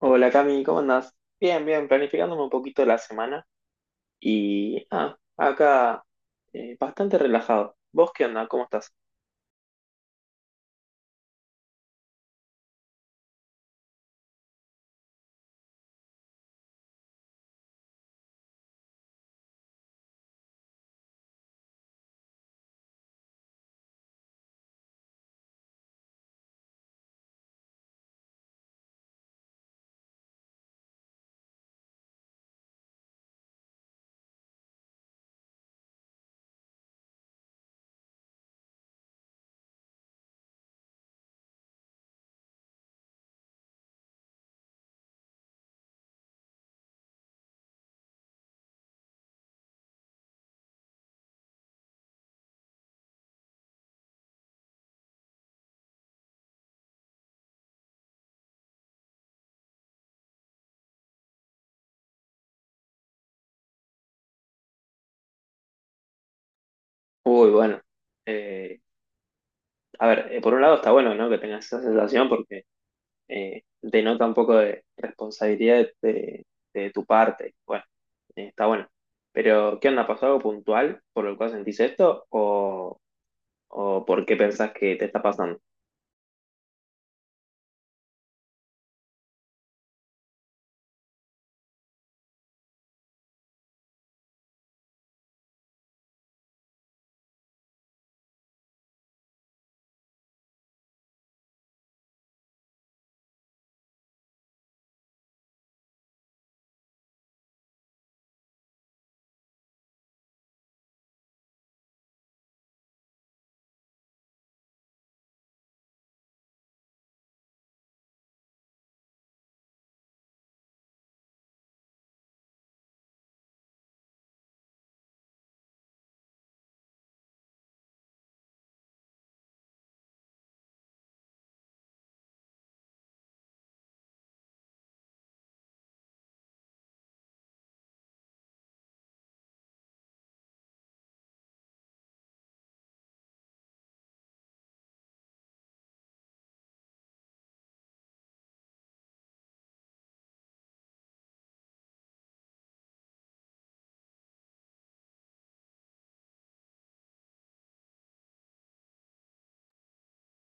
Hola Cami, ¿cómo andás? Bien, bien, planificándome un poquito la semana y acá bastante relajado. ¿Vos qué onda? ¿Cómo estás? Uy, bueno. eh, a ver, por un lado está bueno, ¿no? Que tengas esa sensación porque denota un poco de responsabilidad de tu parte. Bueno, está bueno. Pero, ¿qué onda? ¿Pasó algo puntual por lo cual sentís esto? ¿O por qué pensás que te está pasando?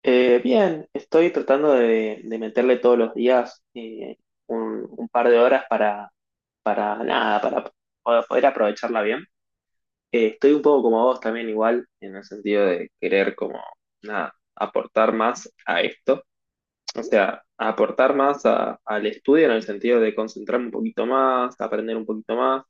Bien, estoy tratando de meterle todos los días un par de horas para nada, para poder aprovecharla bien. Estoy un poco como vos también igual, en el sentido de querer como, nada, aportar más a esto. O sea, aportar más al estudio en el sentido de concentrarme un poquito más, aprender un poquito más.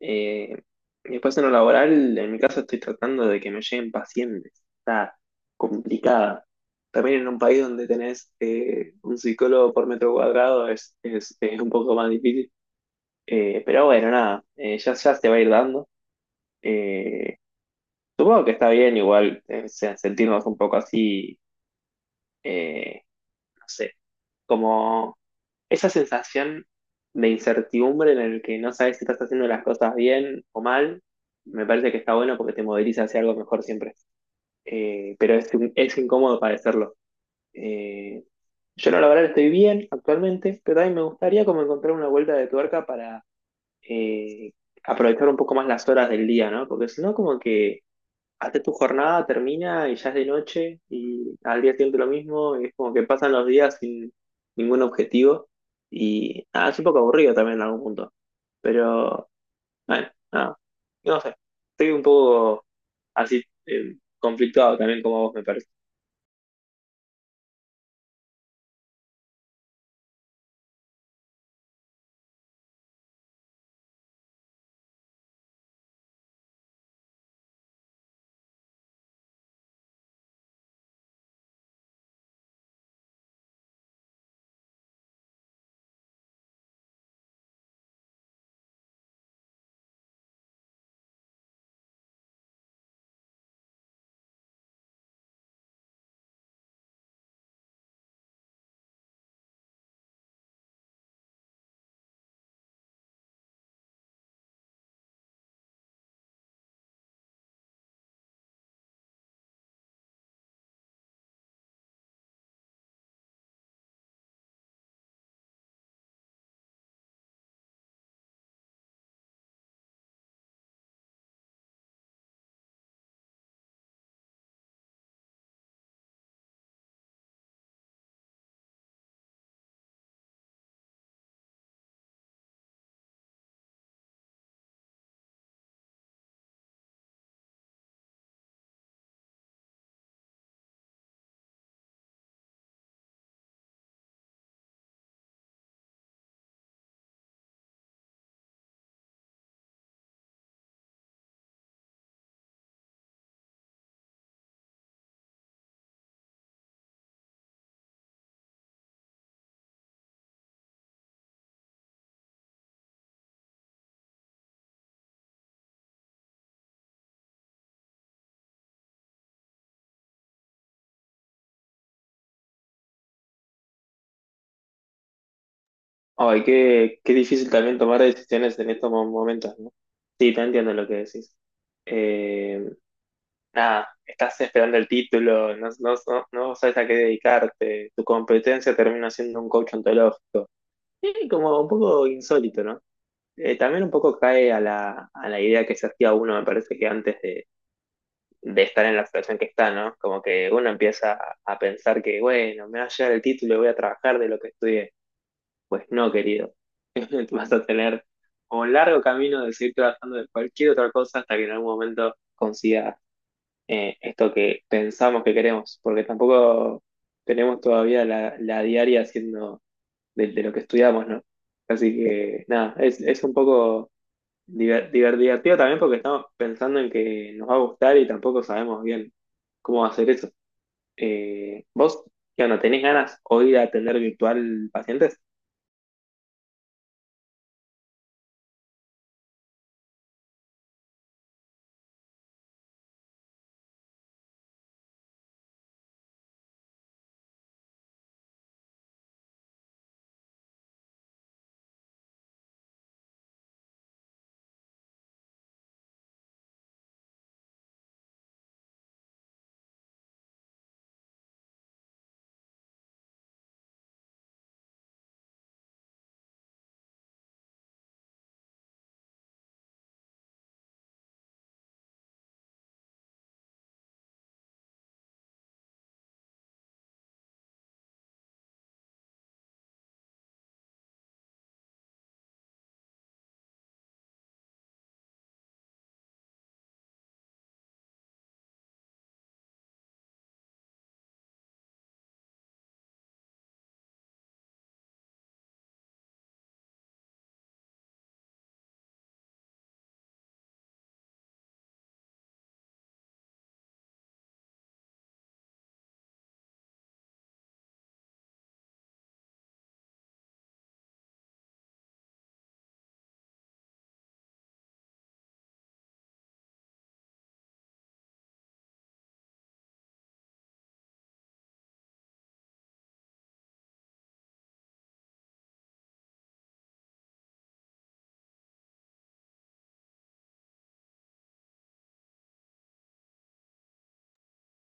Eh, y después en lo laboral, en mi caso estoy tratando de que me lleguen pacientes. Está complicada. También en un país donde tenés un psicólogo por metro cuadrado es un poco más difícil. Pero bueno, nada, ya se va a ir dando. Eh, supongo que está bien igual eh, sentirnos un poco así, eh, no sé, como esa sensación de incertidumbre en el que no sabes si estás haciendo las cosas bien o mal, me parece que está bueno porque te moviliza hacia algo mejor siempre. Pero es incómodo padecerlo. Eh, yo no, la verdad estoy bien actualmente, pero también me gustaría como encontrar una vuelta de tuerca para eh, aprovechar un poco más las horas del día, ¿no? Porque si no, como que haces tu jornada, termina y ya es de noche y al día siguiente lo mismo, y es como que pasan los días sin ningún objetivo y nada, es un poco aburrido también en algún punto, pero bueno, nada, no sé, estoy un poco así conflictuado también como vos me parece. Ay, qué difícil también tomar decisiones en estos momentos, ¿no? Sí, te entiendo lo que decís. Nada, estás esperando el título, no, sabes a qué dedicarte, tu competencia termina siendo un coach ontológico. Y como un poco insólito, ¿no? También un poco cae a a la idea que se hacía uno, me parece que antes de estar en la situación que está, ¿no? Como que uno empieza a pensar que, bueno, me va a llegar el título y voy a trabajar de lo que estudié. Pues no, querido. Vas a tener un largo camino de seguir trabajando de cualquier otra cosa hasta que en algún momento consigas esto que pensamos que queremos, porque tampoco tenemos todavía la diaria haciendo de lo que estudiamos, ¿no? Así que nada, es un poco divertido también porque estamos pensando en que nos va a gustar y tampoco sabemos bien cómo hacer eso. ¿Vos, qué onda, tenés ganas hoy de atender virtual pacientes?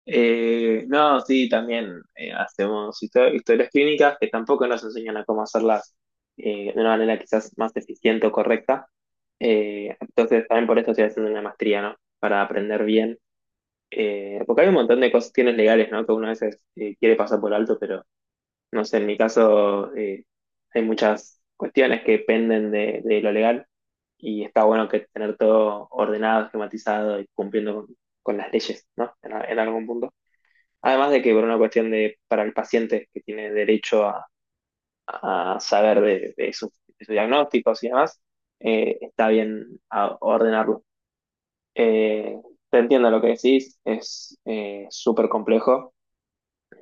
No, sí, también hacemos historias clínicas que tampoco nos enseñan a cómo hacerlas de una manera quizás más eficiente o correcta. Entonces, también por eso estoy haciendo una maestría, ¿no? Para aprender bien. Porque hay un montón de cuestiones legales, ¿no? Que uno a veces quiere pasar por alto, pero no sé, en mi caso hay muchas cuestiones que dependen de lo legal y está bueno que tener todo ordenado, esquematizado y cumpliendo con las leyes, ¿no? En algún punto. Además de que por una cuestión de, para el paciente que tiene derecho a saber de de sus diagnósticos y demás, está bien ordenarlo. Eh, te entiendo lo que decís, es súper complejo.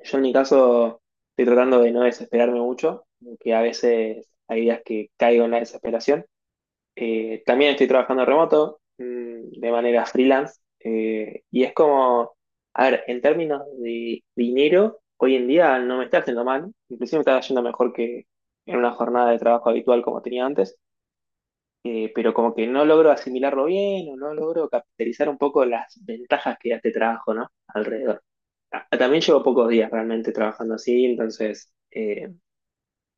Yo en mi caso estoy tratando de no desesperarme mucho, que a veces hay días que caigo en la desesperación, también estoy trabajando remoto, mm, de manera freelance, y es como, a ver, en términos de dinero, hoy en día no me está haciendo mal, inclusive me está yendo mejor que en una jornada de trabajo habitual como tenía antes, pero como que no logro asimilarlo bien o no logro capitalizar un poco las ventajas que da este trabajo, ¿no? Alrededor. Ah, también llevo pocos días realmente trabajando así, entonces...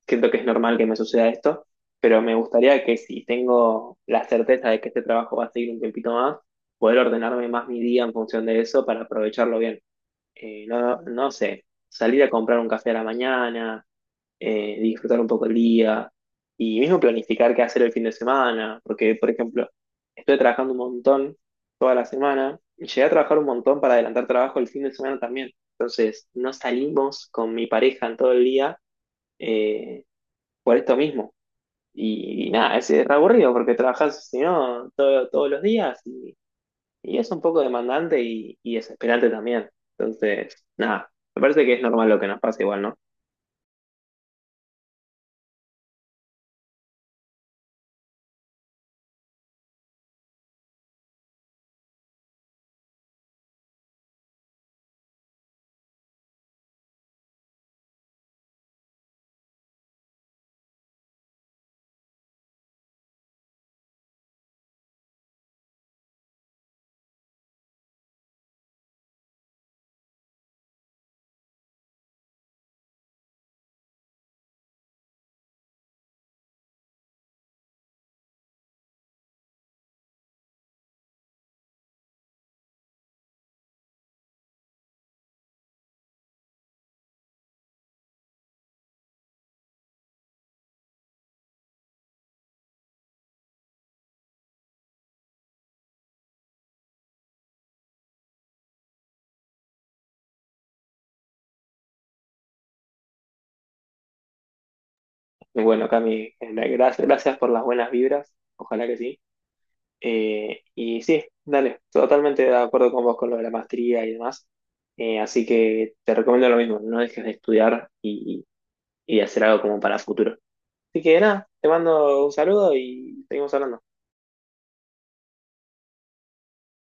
siento que es normal que me suceda esto, pero me gustaría que si tengo la certeza de que este trabajo va a seguir un tiempito más, poder ordenarme más mi día en función de eso para aprovecharlo bien. No, no sé, salir a comprar un café a la mañana, disfrutar un poco el día y mismo planificar qué hacer el fin de semana, porque, por ejemplo, estoy trabajando un montón toda la semana y llegué a trabajar un montón para adelantar trabajo el fin de semana también. Entonces, no salimos con mi pareja en todo el día. Eh, por esto mismo. Y nada, es re aburrido porque trabajas, si no, todos los días y es un poco demandante y desesperante también. Entonces, nada, me parece que es normal lo que nos pasa igual, ¿no? Bueno, Cami, gracias por las buenas vibras, ojalá que sí. Y sí, dale, totalmente de acuerdo con vos con lo de la maestría y demás. Así que te recomiendo lo mismo, no dejes de estudiar y de hacer algo como para futuro. Así que nada, te mando un saludo y seguimos hablando.